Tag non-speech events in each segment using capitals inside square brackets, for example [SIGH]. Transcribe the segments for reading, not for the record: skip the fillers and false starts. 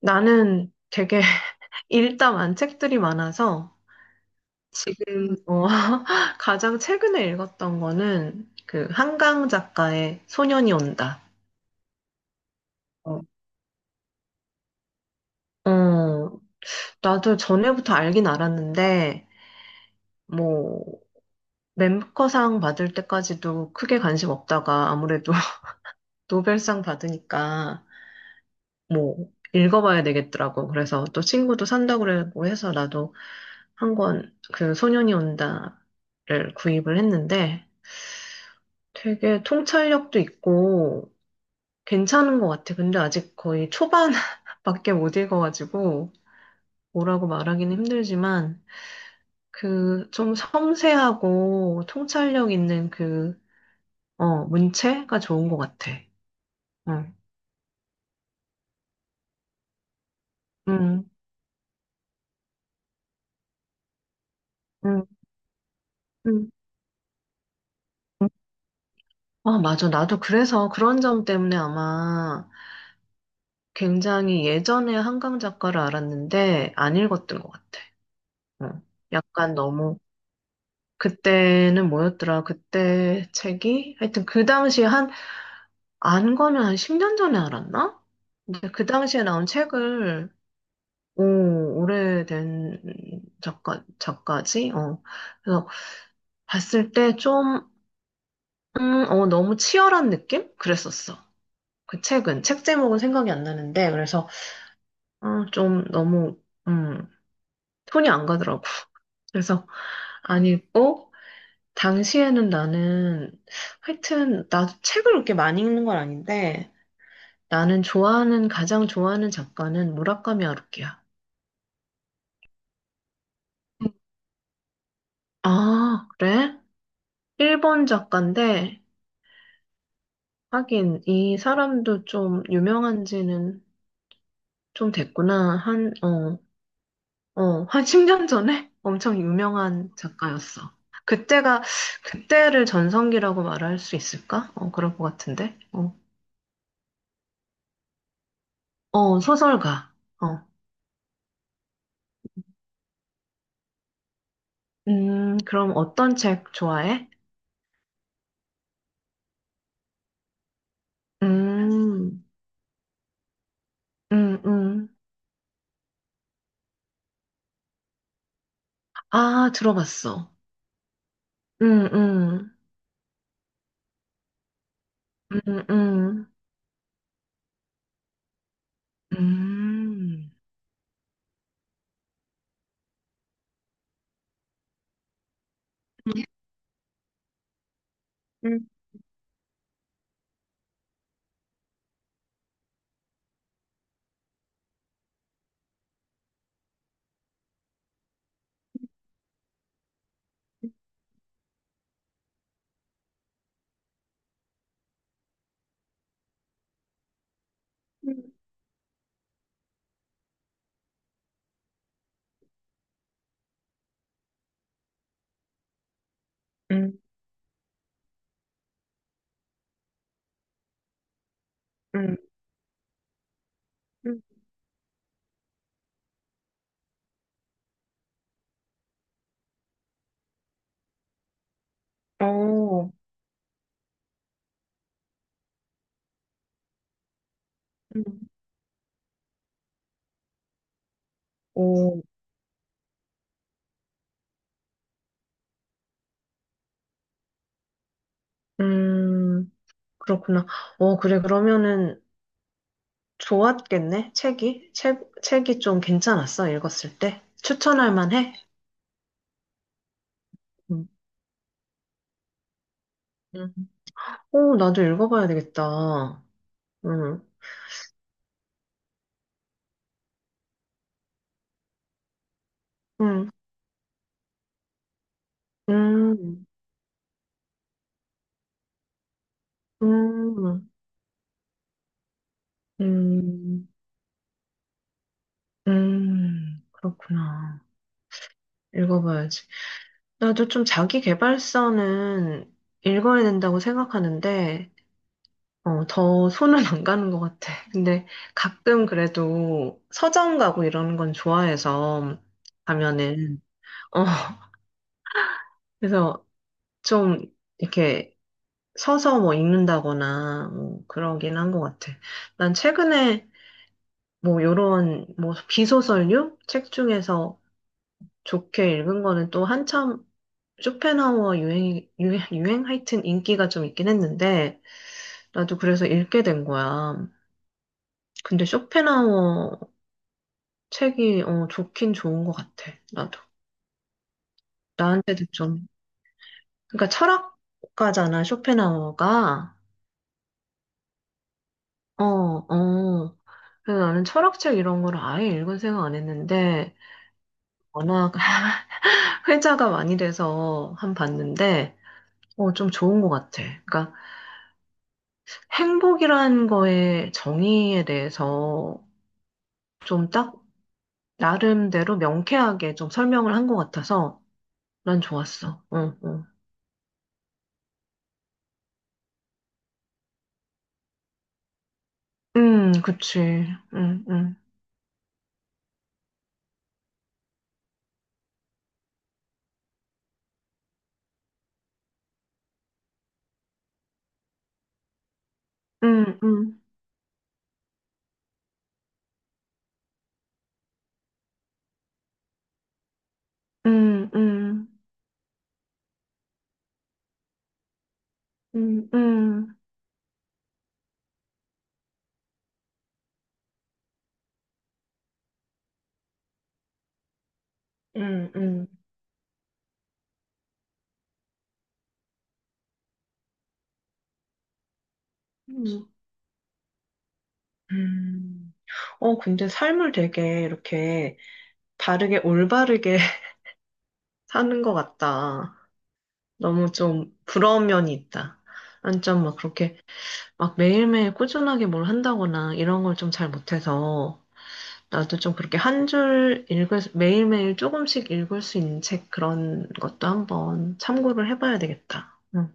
나는 되게 [LAUGHS] 읽다 만 책들이 많아서 지금 [LAUGHS] 가장 최근에 읽었던 거는 한강 작가의 소년이 온다. 어, 어, 나도 전에부터 알긴 알았는데 뭐 멤버상 받을 때까지도 크게 관심 없다가 아무래도 [LAUGHS] 노벨상 받으니까 뭐 읽어봐야 되겠더라고. 그래서 또 친구도 산다고 그러고 해서 나도 한 권 소년이 온다를 구입을 했는데 되게 통찰력도 있고 괜찮은 것 같아. 근데 아직 거의 초반밖에 [LAUGHS] 못 읽어가지고 뭐라고 말하기는 힘들지만 좀 섬세하고 통찰력 있는 문체가 좋은 것 같아. 응, 응, 응, 응. 아, 맞아. 나도 그래서 그런 점 때문에 아마 굉장히 예전에 한강 작가를 알았는데 안 읽었던 것 같아. 응. 약간 너무 그때는 뭐였더라? 그때 책이? 하여튼 그 당시에 안 거는 한 10년 전에 알았나? 근데 그 당시에 나온 책을, 오, 오래된 작가지? 어. 그래서 봤을 때 너무 치열한 느낌? 그랬었어. 그 책은. 책 제목은 생각이 안 나는데, 그래서, 어, 좀 너무, 음, 톤이 안 가더라고. 그래서 안 읽고, 당시에는 나는 하여튼 나도 책을 그렇게 많이 읽는 건 아닌데 나는 좋아하는 가장 좋아하는 작가는 무라카미 하루키야. 음. 아, 그래? 일본 작가인데 하긴 이 사람도 좀 유명한 지는 좀 됐구나. 한 10년 전에 [LAUGHS] 엄청 유명한 작가였어. 그때가 그때를 전성기라고 말할 수 있을까? 그럴 것 같은데. 소설가. 어. 그럼 어떤 책 좋아해? 음, 음, 음. 아, 들어봤어. 음, 음, 음, 음, 음, 음, 음, 음, 음. 어, 음. 오, 음, 그렇구나. 그래, 그러면은 좋았겠네, 책이? 책이 좀 괜찮았어, 읽었을 때? 추천할 만해? 음, 음. 오, 나도 읽어봐야 되겠다. 음, 음, 음, 음. 음, 그렇구나. 읽어봐야지. 나도 좀 자기 계발서는 읽어야 된다고 생각하는데, 더 손은 안 가는 것 같아. 근데 가끔 그래도 서점 가고 이러는 건 좋아해서 가면은, 어, 그래서 좀 이렇게 서서 뭐 읽는다거나 뭐 그러긴 한 것 같아. 난 최근에 뭐 요런 뭐 비소설류 책 중에서 좋게 읽은 거는 또 한참 쇼펜하우어 유행 하여튼 인기가 좀 있긴 했는데, 나도 그래서 읽게 된 거야. 근데 쇼펜하우어 책이, 좋긴 좋은 것 같아. 나도. 나한테도 좀. 그러니까 철학가잖아, 쇼펜하우어가. 어, 어. 그래서 나는 철학책 이런 걸 아예 읽은 생각 안 했는데, 워낙 [LAUGHS] 회자가 많이 돼서 한 봤는데, 좀 좋은 것 같아. 그러니까 행복이라는 거의 정의에 대해서 좀딱 나름대로 명쾌하게 좀 설명을 한 것 같아서 난 좋았어. 응, 응. 그치. 응, 응. 응, 응. 응, 응. 응, 응. 응, 응. 응. 음. 근데 삶을 되게 이렇게 바르게, 올바르게 [LAUGHS] 사는 것 같다. 너무 좀 부러운 면이 있다. 완전 막 그렇게 막 매일매일 꾸준하게 뭘 한다거나 이런 걸 좀 잘 못해서 나도 좀 그렇게 한 줄 읽을, 수- 매일매일 조금씩 읽을 수 있는 책 그런 것도 한번 참고를 해봐야 되겠다. 응.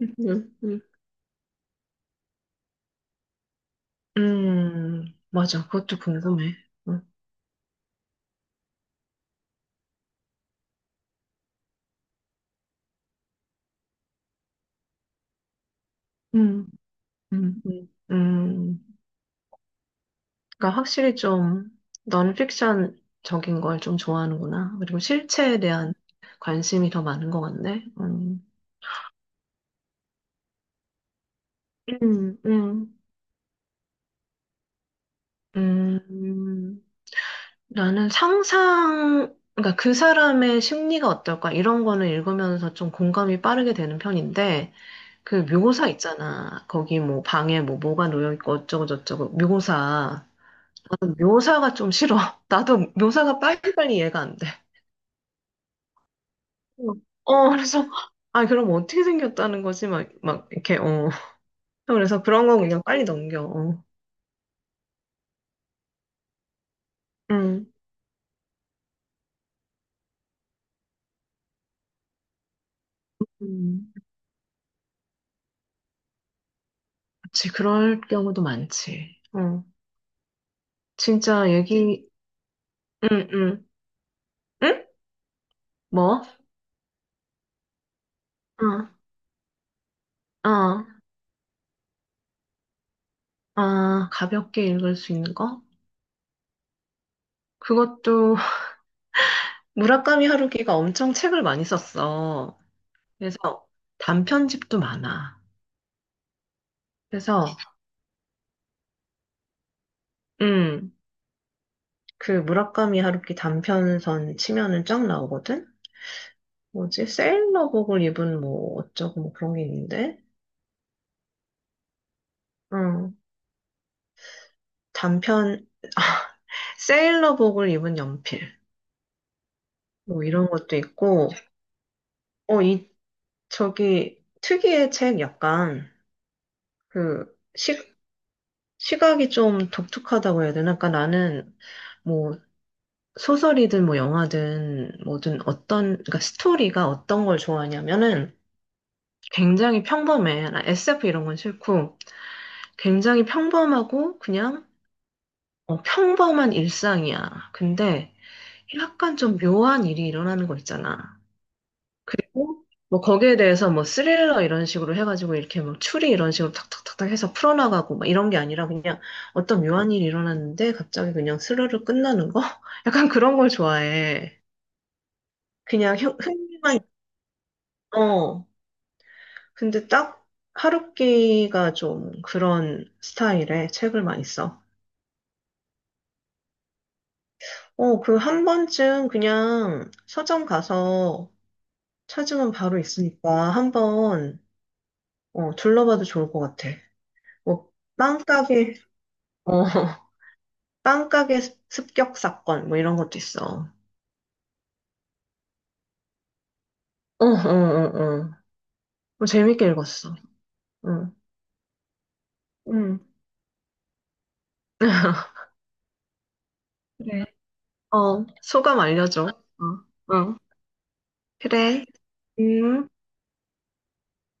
응, 응, 맞아. 그것도 궁금해. 응. 음, 응. 그러니까 확실히 좀 넌픽션적인 걸 좀 좋아하는구나. 그리고 실체에 대한 관심이 더 많은 것 같네. 응, 응. 음, 나는 그러니까 그 사람의 심리가 어떨까 이런 거는 읽으면서 좀 공감이 빠르게 되는 편인데 그 묘사 있잖아. 거기 뭐 방에 뭐 뭐가 놓여 있고 어쩌고 저쩌고 묘사. 나는 묘사가 좀 싫어. [LAUGHS] 나도 묘사가 빨리빨리 이해가 안 돼. 어, 그래서 아 그럼 어떻게 생겼다는 거지? 막 이렇게 어. 그래서 그런 거 그냥 빨리 넘겨. 어. 음. 음. 그치, 그럴 경우도 많지. 어. 진짜 얘기, 응, 응. 응? 뭐? 어, 어, 아, 가볍게 읽을 수 있는 거? 그것도 [LAUGHS] 무라카미 하루키가 엄청 책을 많이 썼어. 그래서 단편집도 많아. 그래서 음, 무라카미 하루키 단편선 치면은 쫙 나오거든. 뭐지? 세일러복을 입은 뭐 어쩌고 뭐 그런 게 있는데. 응. 단편 [LAUGHS] 세일러복을 입은 연필. 뭐 이런 것도 있고. 어, 이 저기 특이의 책 약간 그 식, 시각이 좀 독특하다고 해야 되나? 그러니까 나는 뭐 소설이든 뭐 영화든 뭐든 어떤 그러니까 스토리가 어떤 걸 좋아하냐면은 굉장히 평범해. 나 SF 이런 건 싫고 굉장히 평범하고 그냥 평범한 일상이야. 근데 약간 좀 묘한 일이 일어나는 거 있잖아. 그리고 뭐 거기에 대해서 뭐 스릴러 이런 식으로 해가지고 이렇게 막 추리 이런 식으로 탁탁탁탁 해서 풀어나가고 막 이런 게 아니라 그냥 어떤 묘한 일이 일어났는데 갑자기 그냥 스르르 끝나는 거? [LAUGHS] 약간 그런 걸 좋아해. 그냥 흥미만 있어. 근데 딱 하루키가 좀 그런 스타일의 책을 많이 써. 그 한 번쯤 그냥 서점 가서 찾으면 바로 있으니까 한번 둘러봐도 좋을 것 같아. 뭐 빵가게 어, [LAUGHS] 빵가게 습격 사건, 뭐 이런 것도 있어. 어, 어, 어. 어. 뭐 재밌게 읽었어. 응. 응. 그래. 어, 소감 알려줘. 어, 어. 그래. 음.